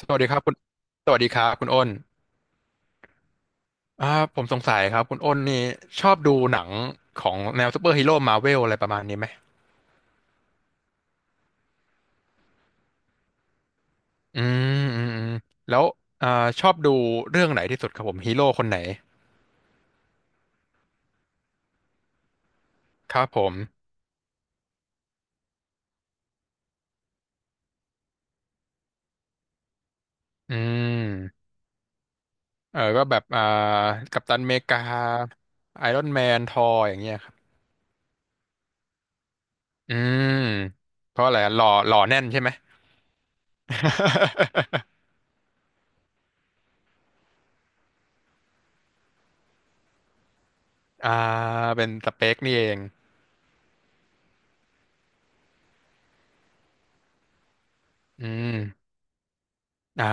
สวัสดีครับคุณสวัสดีครับคุณอ้นอ่าผมสงสัยครับคุณอ้นนี่ชอบดูหนังของแนวซูเปอร์ฮีโร่มาเวลอะไรประมาณนี้ไหมอืมอืมอืมแล้วอ่าชอบดูเรื่องไหนที่สุดครับผมฮีโร่คนไหนครับผมอืมเออก็แบบกัปตันอเมริกาไอรอนแมนทอร์อย่างเงี้ยครับอืมเพราะอะไรหล่อหล่อแน่นใช่ไหม อ่าเป็นสเปคนี่เองอืม อ่า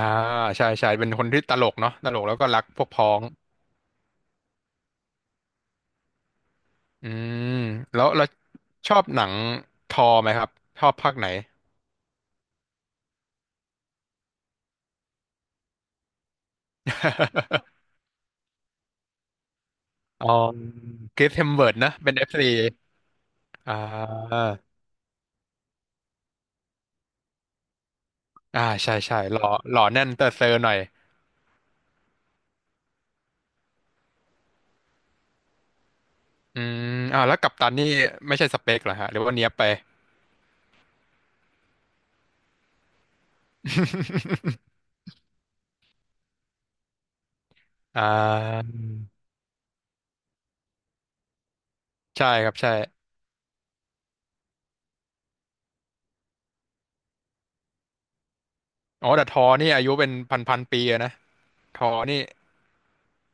ใช่ใช่เป็นคนที่ตลกเนาะตลกแล้วก็รักพวกพ้องอืมแล้วเราชอบหนังทอไหมครับชอบภาคไหน อ๋อคริสเฮมสเวิร์ดนะเป็นเอฟซีอ่าใช่ใช่หล่อหล่อแน่นเตอร์เซอร์หน่อยอืมแล้วกัปตันนี่ไม่ใช่สเปคเหรอฮะหรือว่าเนี้ยบไป อ่าใช่ครับใช่อ๋อแต่ทอนี่อายุเป็นพันปีอะนะทอนี่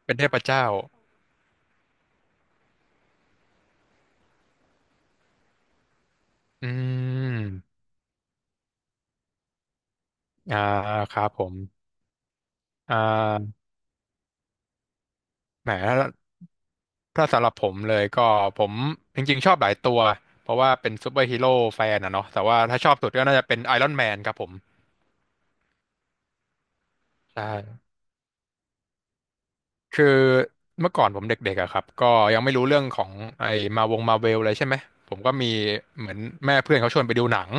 เป็นเทพเจ้าอืม อ่าครับผมอ่าแหมถ้าสำหรับผมเลยก็ผมจริงๆชอบหลายตัวเพราะว่าเป็นซูเปอร์ฮีโร่แฟนอะเนาะแต่ว่าถ้าชอบสุดก็น่าจะเป็นไอรอนแมนครับผมใช่ คือเมื่อก่อนผมเด็กๆอะครับก็ยังไม่รู้เรื่องของไอ้มาเวลเลยใช่ไหมผมก็มีเหมือนแม่เพื่อนเขาชวนไปดูหนัง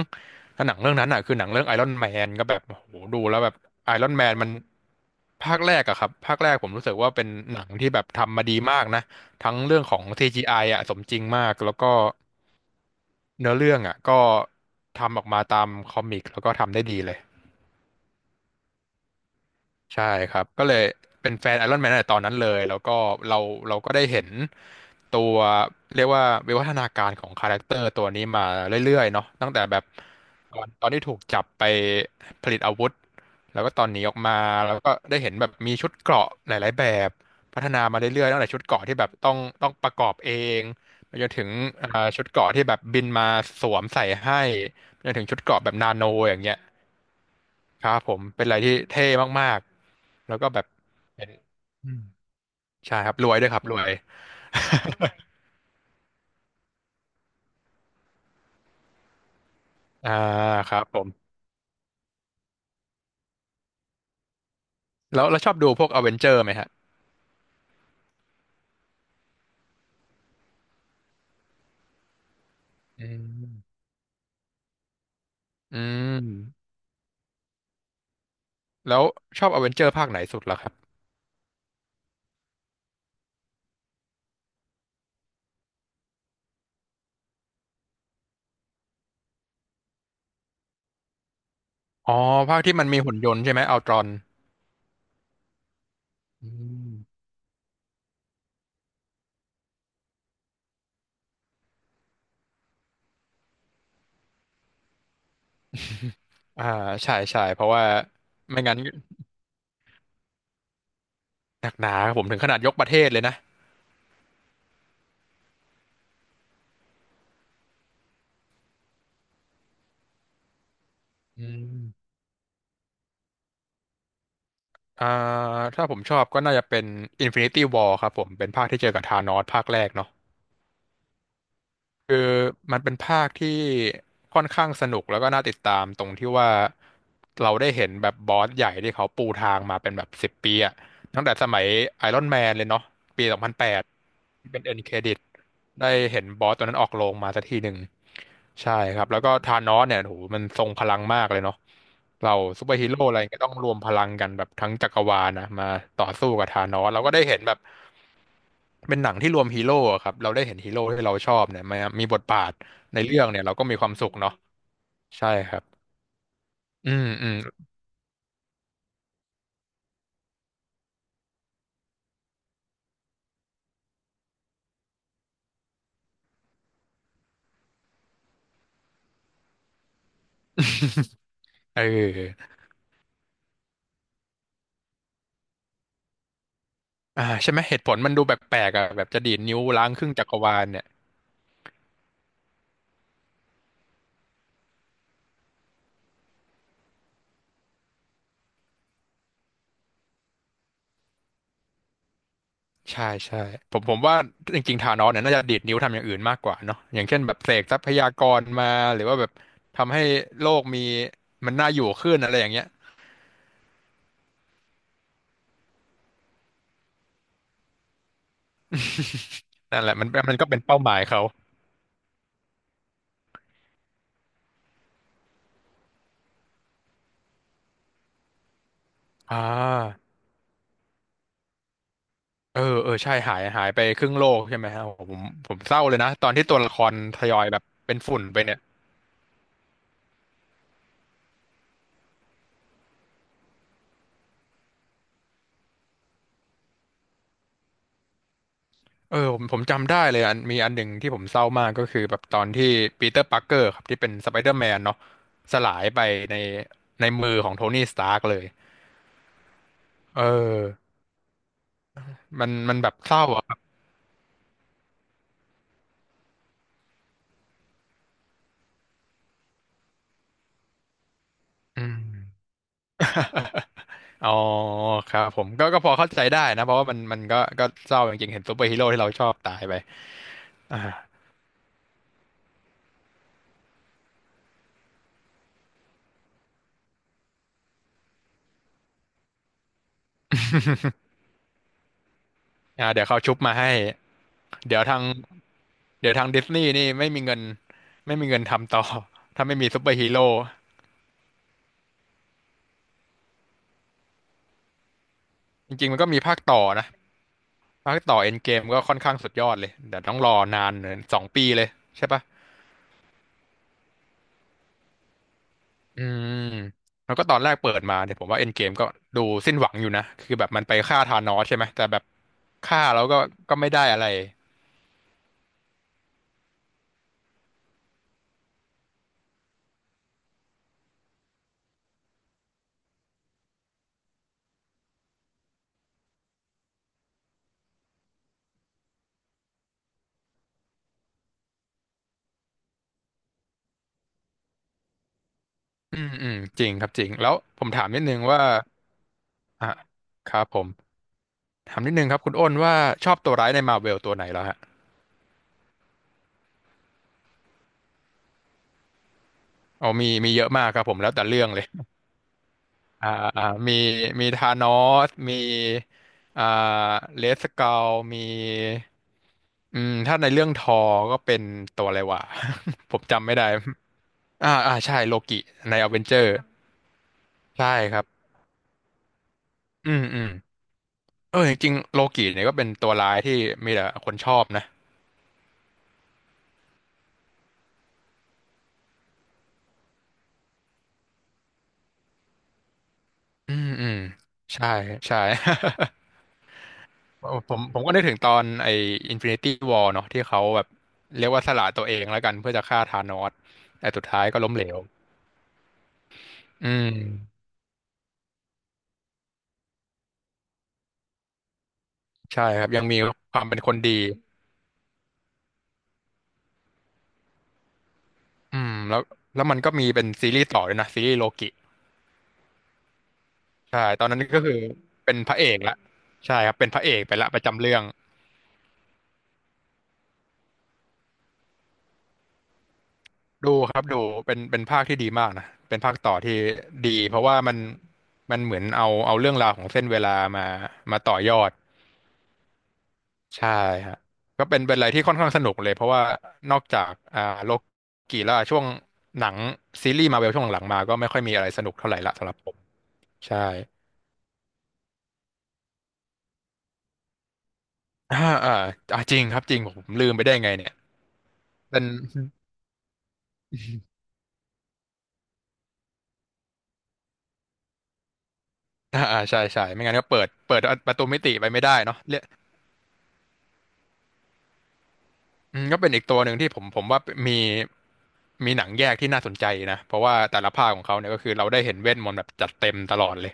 แล้วหนังเรื่องนั้นอ่ะคือหนังเรื่องไอรอนแมนก็แบบโอ้โหดูแล้วแบบไอรอนแมนมันภาคแรกอะครับภาคแรกผมรู้สึกว่าเป็นหนังที่แบบทำมาดีมากนะทั้งเรื่องของ CGI ออะสมจริงมากแล้วก็เนื้อเรื่องอะก็ทำออกมาตามคอมิกแล้วก็ทำได้ดีเลย ใช่ครับก็เลยเป็นแฟนไอรอนแมนตั้งแต่ตอนนั้นเลยแล้วก็เราก็ได้เห็นตัวเรียกว่าวิวัฒนาการของคาแรคเตอร์ตัวนี้มาเรื่อยๆเนาะตั้งแต่แบบตอนที่ถูกจับไปผลิตอาวุธแล้วก็ตอนหนีออกมาแล้วก็ได้เห็นแบบมีชุดเกราะหลายๆแบบพัฒนามาเรื่อยๆตั้งแต่ชุดเกราะที่แบบต้องประกอบเองไปจนถึงอ่าชุดเกราะที่แบบบินมาสวมใส่ให้ไปจนถึงชุดเกราะแบบนาโนอย่างเงี้ย ครับผมเป็นอะไรที่เท่มากๆแล้วก็แบบเป็นอืมใช่ครับรวยด้วยครับรวยอ่าครับผมแล้วชอบดูพวกอเวนเจอร์ไหมฮะอืมอืมแล้วชอบอเวนเจอร์ภาคไหนสุดล่ะครับอ๋อภาคที่มันมีหุ่นยนต์ใช่ไหมอัลตรอนอืมอ่าใช่ใช่เพราะว่าไม่งั้นหนักหนาครับผมถึงขนาดยกประเทศเลยนะอืมอ่าถ้าผมชอบก็น่าจะเป็น Infinity War ครับผมเป็นภาคที่เจอกับธานอสภาคแรกเนาะ คือมันเป็นภาคที่ค่อนข้างสนุกแล้วก็น่าติดตามตรงที่ว่าเราได้เห็นแบบบอสใหญ่ที่เขาปูทางมาเป็นแบบสิบปีอะ ตั้งแต่สมัยไอรอนแมนเลยเนาะปีสองพันแปดเป็นเอ็นเครดิตได้เห็นบอสตัวนั้นออกโรงมาสักทีหนึ่งใช่ครับแล้วก็ธานอสเนี่ยโหมันทรงพลังมากเลยเนาะเราซูเปอร์ฮีโร่อะไรก็ต้องรวมพลังกันแบบทั้งจักรวาลนะมาต่อสู้กับธานอสเราก็ได้เห็นแบบเป็นหนังที่รวมฮีโร่อะครับเราได้เห็นฮีโร่ที่เราชอบเนี่ยมามีบทบาทในเรื่องเนี่ยเราก็มีความสุขเนาะใช่ครับอืมอืมเออใช่ไหมเหตุผลมันดูแปลกๆอ่ะแบบจะดีดนิ้วล้างครึ่งจักรวาลเนี่ย ใช่ใช่ผมว่าจริงๆธานอสเนี่ยน่าจะดีดนิ้วทำอย่างอื่นมากกว่าเนาะอย่างเช่นแบบเสกทรัพยากรมาหรือว่าแบบทำให้โลกมีมันน่าอยู่ขึ้นอะไรอย่างเงี้ยนั่นแหละมันก็เป็นเป้าหมายเขาอ่าเอเออใช่หายไปครึ่งโลกใช่ไหมฮะโอ้โหผมเศร้าเลยนะตอนที่ตัวละครทยอยแบบเป็นฝุ่นไปเนี่ยเออผมจำได้เลยอันมีอันหนึ่งที่ผมเศร้ามากก็คือแบบตอนที่ปีเตอร์ปาร์เกอร์ครับที่เป็นสไปเดอร์แมนเนาะสลายไปในมือของโทนี่สตาร์กเลยเออ มันแบบเศร้าอะครับอืมอ๋อครับผมก็พอเข้าใจได้นะเพราะว่ามันก็เศร้าจริงๆเห็นซูเปอร์ฮีโร่ที่เราชอบตายไปอ่าอ่าเดี๋ยวเขาชุบมาให้เดี๋ยวทางเดี๋ยวทางดิสนีย์นี่ไม่มีเงินไม่มีเงินทำต่อ ถ้าไม่มีซูเปอร์ฮีโร่จริงๆมันก็มีภาคต่อนะภาคต่อเอ็นเกมก็ค่อนข้างสุดยอดเลยเดี๋ยวต้องรอนานเลย2 ปีเลยใช่ปะ อืมแล้วก็ตอนแรกเปิดมาเนี่ยผมว่าเอ็นเกมก็ดูสิ้นหวังอยู่นะคือแบบมันไปฆ่าธานอสใช่ไหมแต่แบบฆ่าแล้วก็ก็ไม่ได้อะไรอืมอืมจริงครับจริงแล้วผมถามนิดนึงว่าอ่ะครับผมถามนิดนึงครับคุณอ้นว่าชอบตัวร้ายในมาร์เวลตัวไหนแล้วฮะอ๋อมีเยอะมากครับผมแล้วแต่เรื่องเลยอ่าอ่ามีมีธานอสมีอ่าเลสเกลมีถ้าในเรื่องก็เป็นตัวอะไรวะ ผมจำไม่ได้ อ่าใช่โลกิในอเวนเจอร์ใช่ครับอืมอืมเออจริงๆโลกิเนี่ยก็เป็นตัวร้ายที่มีแต่คนชอบนะอืมอืมใช่ใช่ ผมก็นึกถึงตอนไอ้ Infinity War เนาะที่เขาแบบเรียกว่าสละตัวเองแล้วกันเพื่อจะฆ่าธานอสแต่สุดท้ายก็ล้มเหลวอืมใช่ครับยังมีความเป็นคนดีแล้วมันก็มีเป็นซีรีส์ต่อด้วยนะซีรีส์โลกิใช่ตอนนั้นก็คือเป็นพระเอกละใช่ครับเป็นพระเอกไปละประจำเรื่อง ดูครับดูเป็นภาคที่ดีมากนะเป็นภาคต่อที่ดีเพราะว่ามันเหมือนเอาเรื่องราวของเส้นเวลามามาต่อยอดใช่ฮะก็เป็นอะไรที่ค่อนข้างสนุกเลยเพราะว่านอกจากโลกีแล้วช่วงหนังซีรีส์มาเวลช่วงหลังๆมาก็ไม่ค่อยมีอะไรสนุกเท่าไหร่ละสำหรับผมใช่อ่าอ่าจริงครับจริงผมลืมไปได้ไงเนี่ยเป็นอ่าใช่ใช่ไม่งั้นก็เปิดประตูมิติไปไม่ได้เนาะเรียกก็เป็นอีกตัวหนึ่งที่ผมว่ามี หนังแยกที่น่าสนใจนะเพราะว่าแต่ละภาคของเขาเนี่ยก็คือเราได้เห็นเวทมนต์แบบจัดเต็มตลอดเลย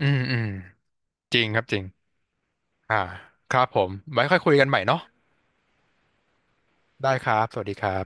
อืมอืมจริงครับจริงอ่าครับผมไว้ค่อยคุยกันใหม่เนาะได้ครับสวัสดีครับ